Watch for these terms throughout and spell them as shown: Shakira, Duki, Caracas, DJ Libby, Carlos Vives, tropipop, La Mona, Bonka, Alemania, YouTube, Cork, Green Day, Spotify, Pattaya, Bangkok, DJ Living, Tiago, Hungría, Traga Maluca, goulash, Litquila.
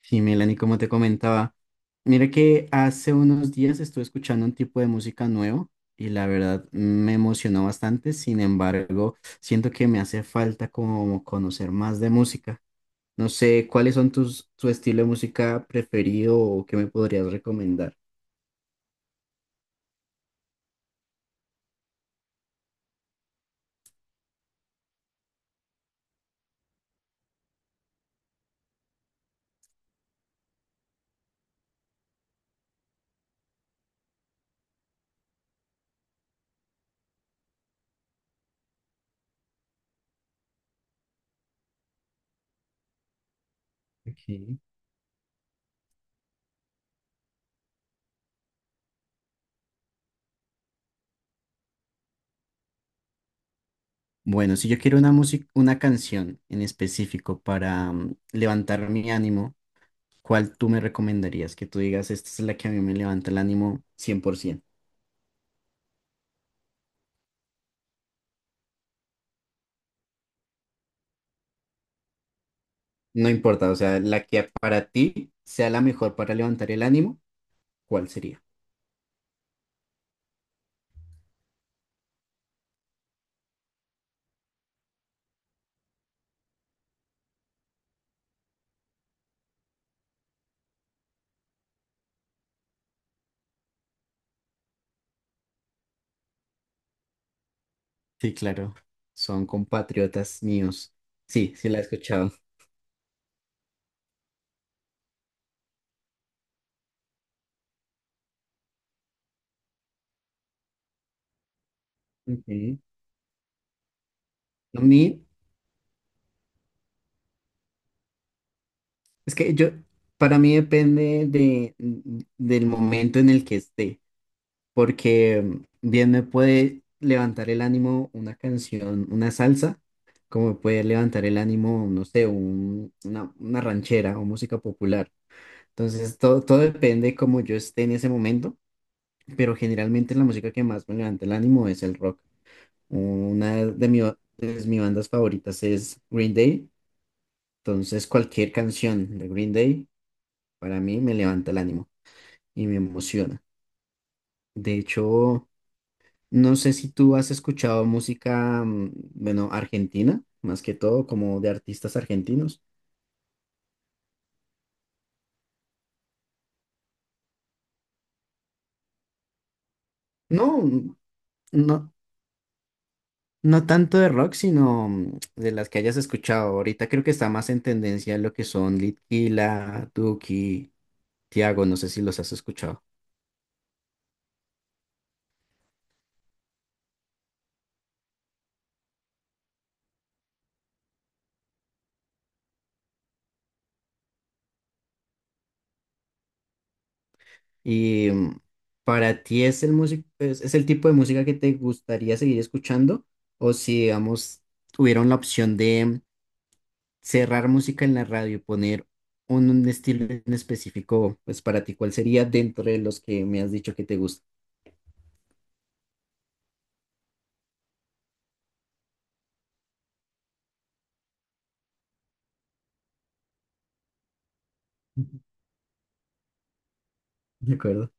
Sí, Melanie, como te comentaba, mira que hace unos días estuve escuchando un tipo de música nuevo y la verdad me emocionó bastante. Sin embargo, siento que me hace falta como conocer más de música. No sé, ¿cuáles son tu estilo de música preferido o qué me podrías recomendar? Ok. Bueno, si yo quiero una música, una canción en específico para levantar mi ánimo, ¿cuál tú me recomendarías? Que tú digas, esta es la que a mí me levanta el ánimo 100%. No importa, o sea, la que para ti sea la mejor para levantar el ánimo, ¿cuál sería? Sí, claro, son compatriotas míos. Sí, sí la he escuchado. Okay. A mí, es que yo, para mí depende del momento en el que esté, porque bien me puede levantar el ánimo una canción, una salsa, como me puede levantar el ánimo, no sé, una ranchera o música popular. Entonces, todo depende como yo esté en ese momento, pero generalmente la música que más me levanta el ánimo es el rock. De mi de mis bandas favoritas es Green Day, entonces cualquier canción de Green Day para mí me levanta el ánimo y me emociona. De hecho, no sé si tú has escuchado música, bueno, argentina, más que todo, como de artistas argentinos. No, no. No tanto de rock, sino de las que hayas escuchado. Ahorita creo que está más en tendencia lo que son Litquila, Duki, Tiago, no sé si los has escuchado. Y para ti es el músico, es el tipo de música que te gustaría seguir escuchando, o si, digamos, tuvieron la opción de cerrar música en la radio y poner un estilo en específico, pues para ti, ¿cuál sería dentro de los que me has dicho que te gusta? ¿De acuerdo?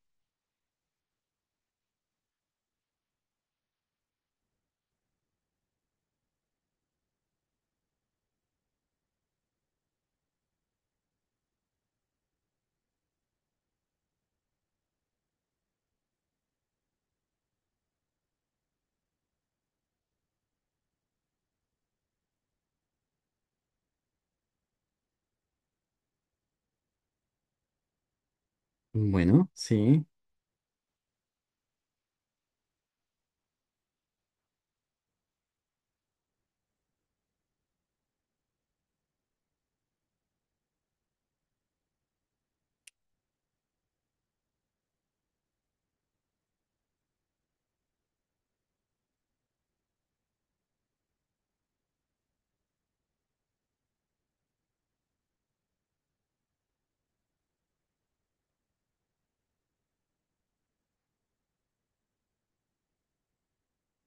Bueno, sí.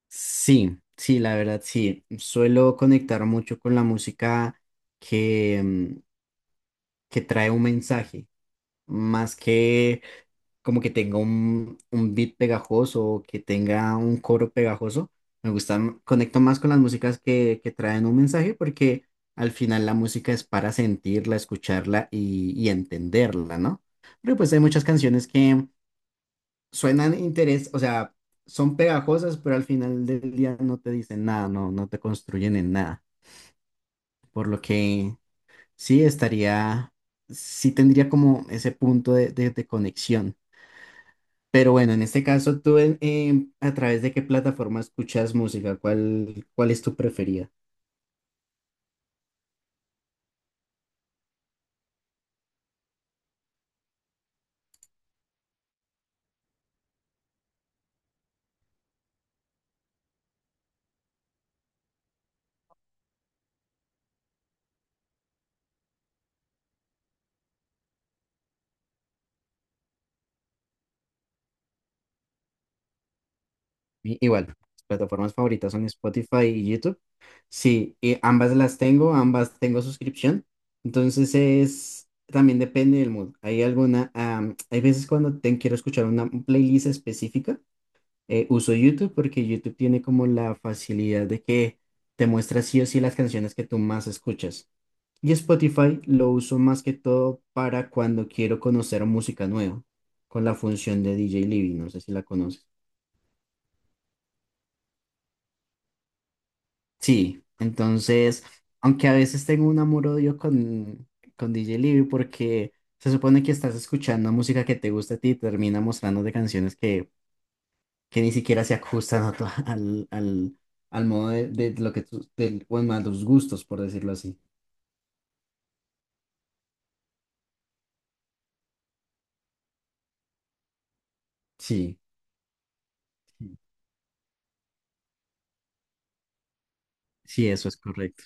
Sí, sí, la verdad, sí. Suelo conectar mucho con la música que que trae un mensaje, más que como que tenga un beat pegajoso o que tenga un coro pegajoso. Me gustan, conecto más con las músicas que traen un mensaje porque al final la música es para sentirla, escucharla y entenderla, ¿no? Pero pues hay muchas canciones que suenan interés, o sea, son pegajosas, pero al final del día no te dicen nada, no, no te construyen en nada. Por lo que sí estaría, sí tendría como ese punto de conexión. Pero bueno, en este caso, ¿tú a través de qué plataforma escuchas música? ¿ cuál es tu preferida? Igual, mis plataformas favoritas son Spotify y YouTube. Sí, y ambas las tengo, ambas tengo suscripción. Entonces es, también depende del mood. Hay alguna, hay veces cuando quiero escuchar una playlist específica, uso YouTube porque YouTube tiene como la facilidad de que te muestra sí o sí las canciones que tú más escuchas. Y Spotify lo uso más que todo para cuando quiero conocer música nueva, con la función de DJ Living, no sé si la conoces. Sí, entonces, aunque a veces tengo un amor-odio con D J Libby porque se supone que estás escuchando música que te gusta a ti y termina mostrándote canciones que ni siquiera se ajustan a tu- al modo de lo que tú, del- bueno, a tus gustos, por decirlo así. Sí, sí, eso es correcto.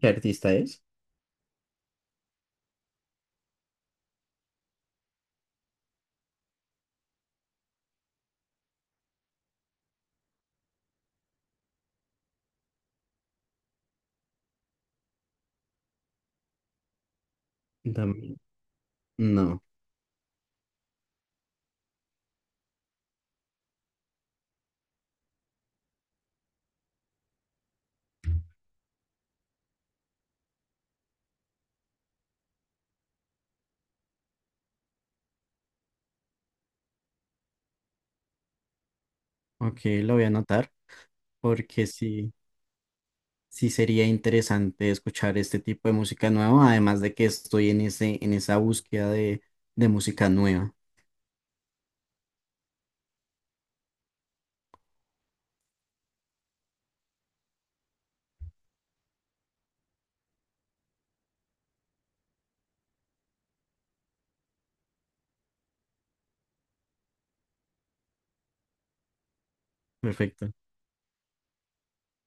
¿Qué artista es? También. No, ok, lo voy a anotar porque sí. Sí, sería interesante escuchar este tipo de música nueva, además de que estoy en ese, en esa búsqueda de música nueva. Perfecto.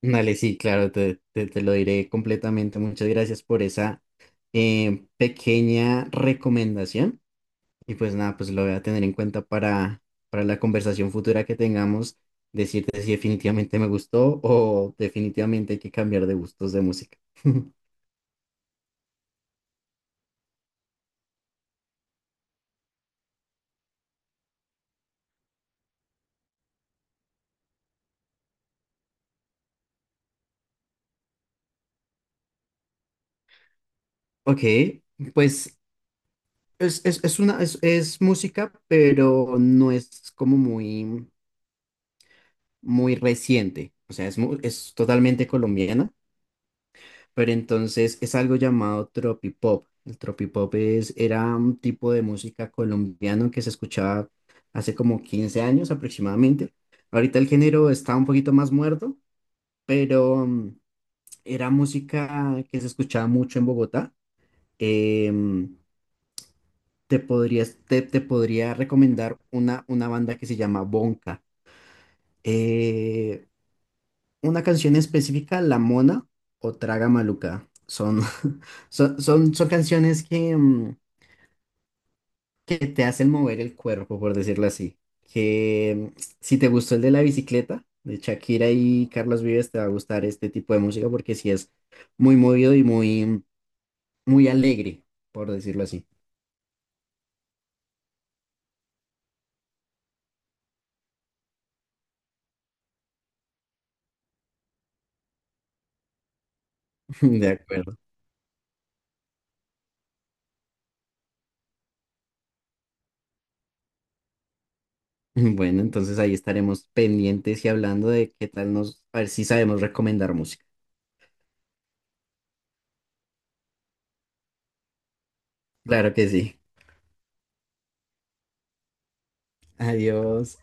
Dale, sí, claro, te lo diré completamente. Muchas gracias por esa pequeña recomendación. Y pues nada, pues lo voy a tener en cuenta para la conversación futura que tengamos, decirte si definitivamente me gustó o definitivamente hay que cambiar de gustos de música. Ok, pues es una, es música, pero no es como muy reciente. O sea, es, es totalmente colombiana, pero entonces es algo llamado tropipop. El tropipop es, era un tipo de música colombiano que se escuchaba hace como 15 años aproximadamente. Ahorita el género está un poquito más muerto, pero era música que se escuchaba mucho en Bogotá. Em, te podrías, te podría recomendar una banda que se llama Bonka. Eh, una canción específica, La Mona o Traga Maluca. Son, son canciones que que te hacen mover el cuerpo, por decirlo así. Que mm, si te gustó el de la bicicleta, de Shakira y Carlos Vives, te va a gustar este tipo de música porque sí es muy movido y muy, muy alegre, por decirlo así. De acuerdo. Bueno, entonces ahí estaremos pendientes y hablando de qué tal nos, a ver si sabemos recomendar música. Claro que sí. Adiós.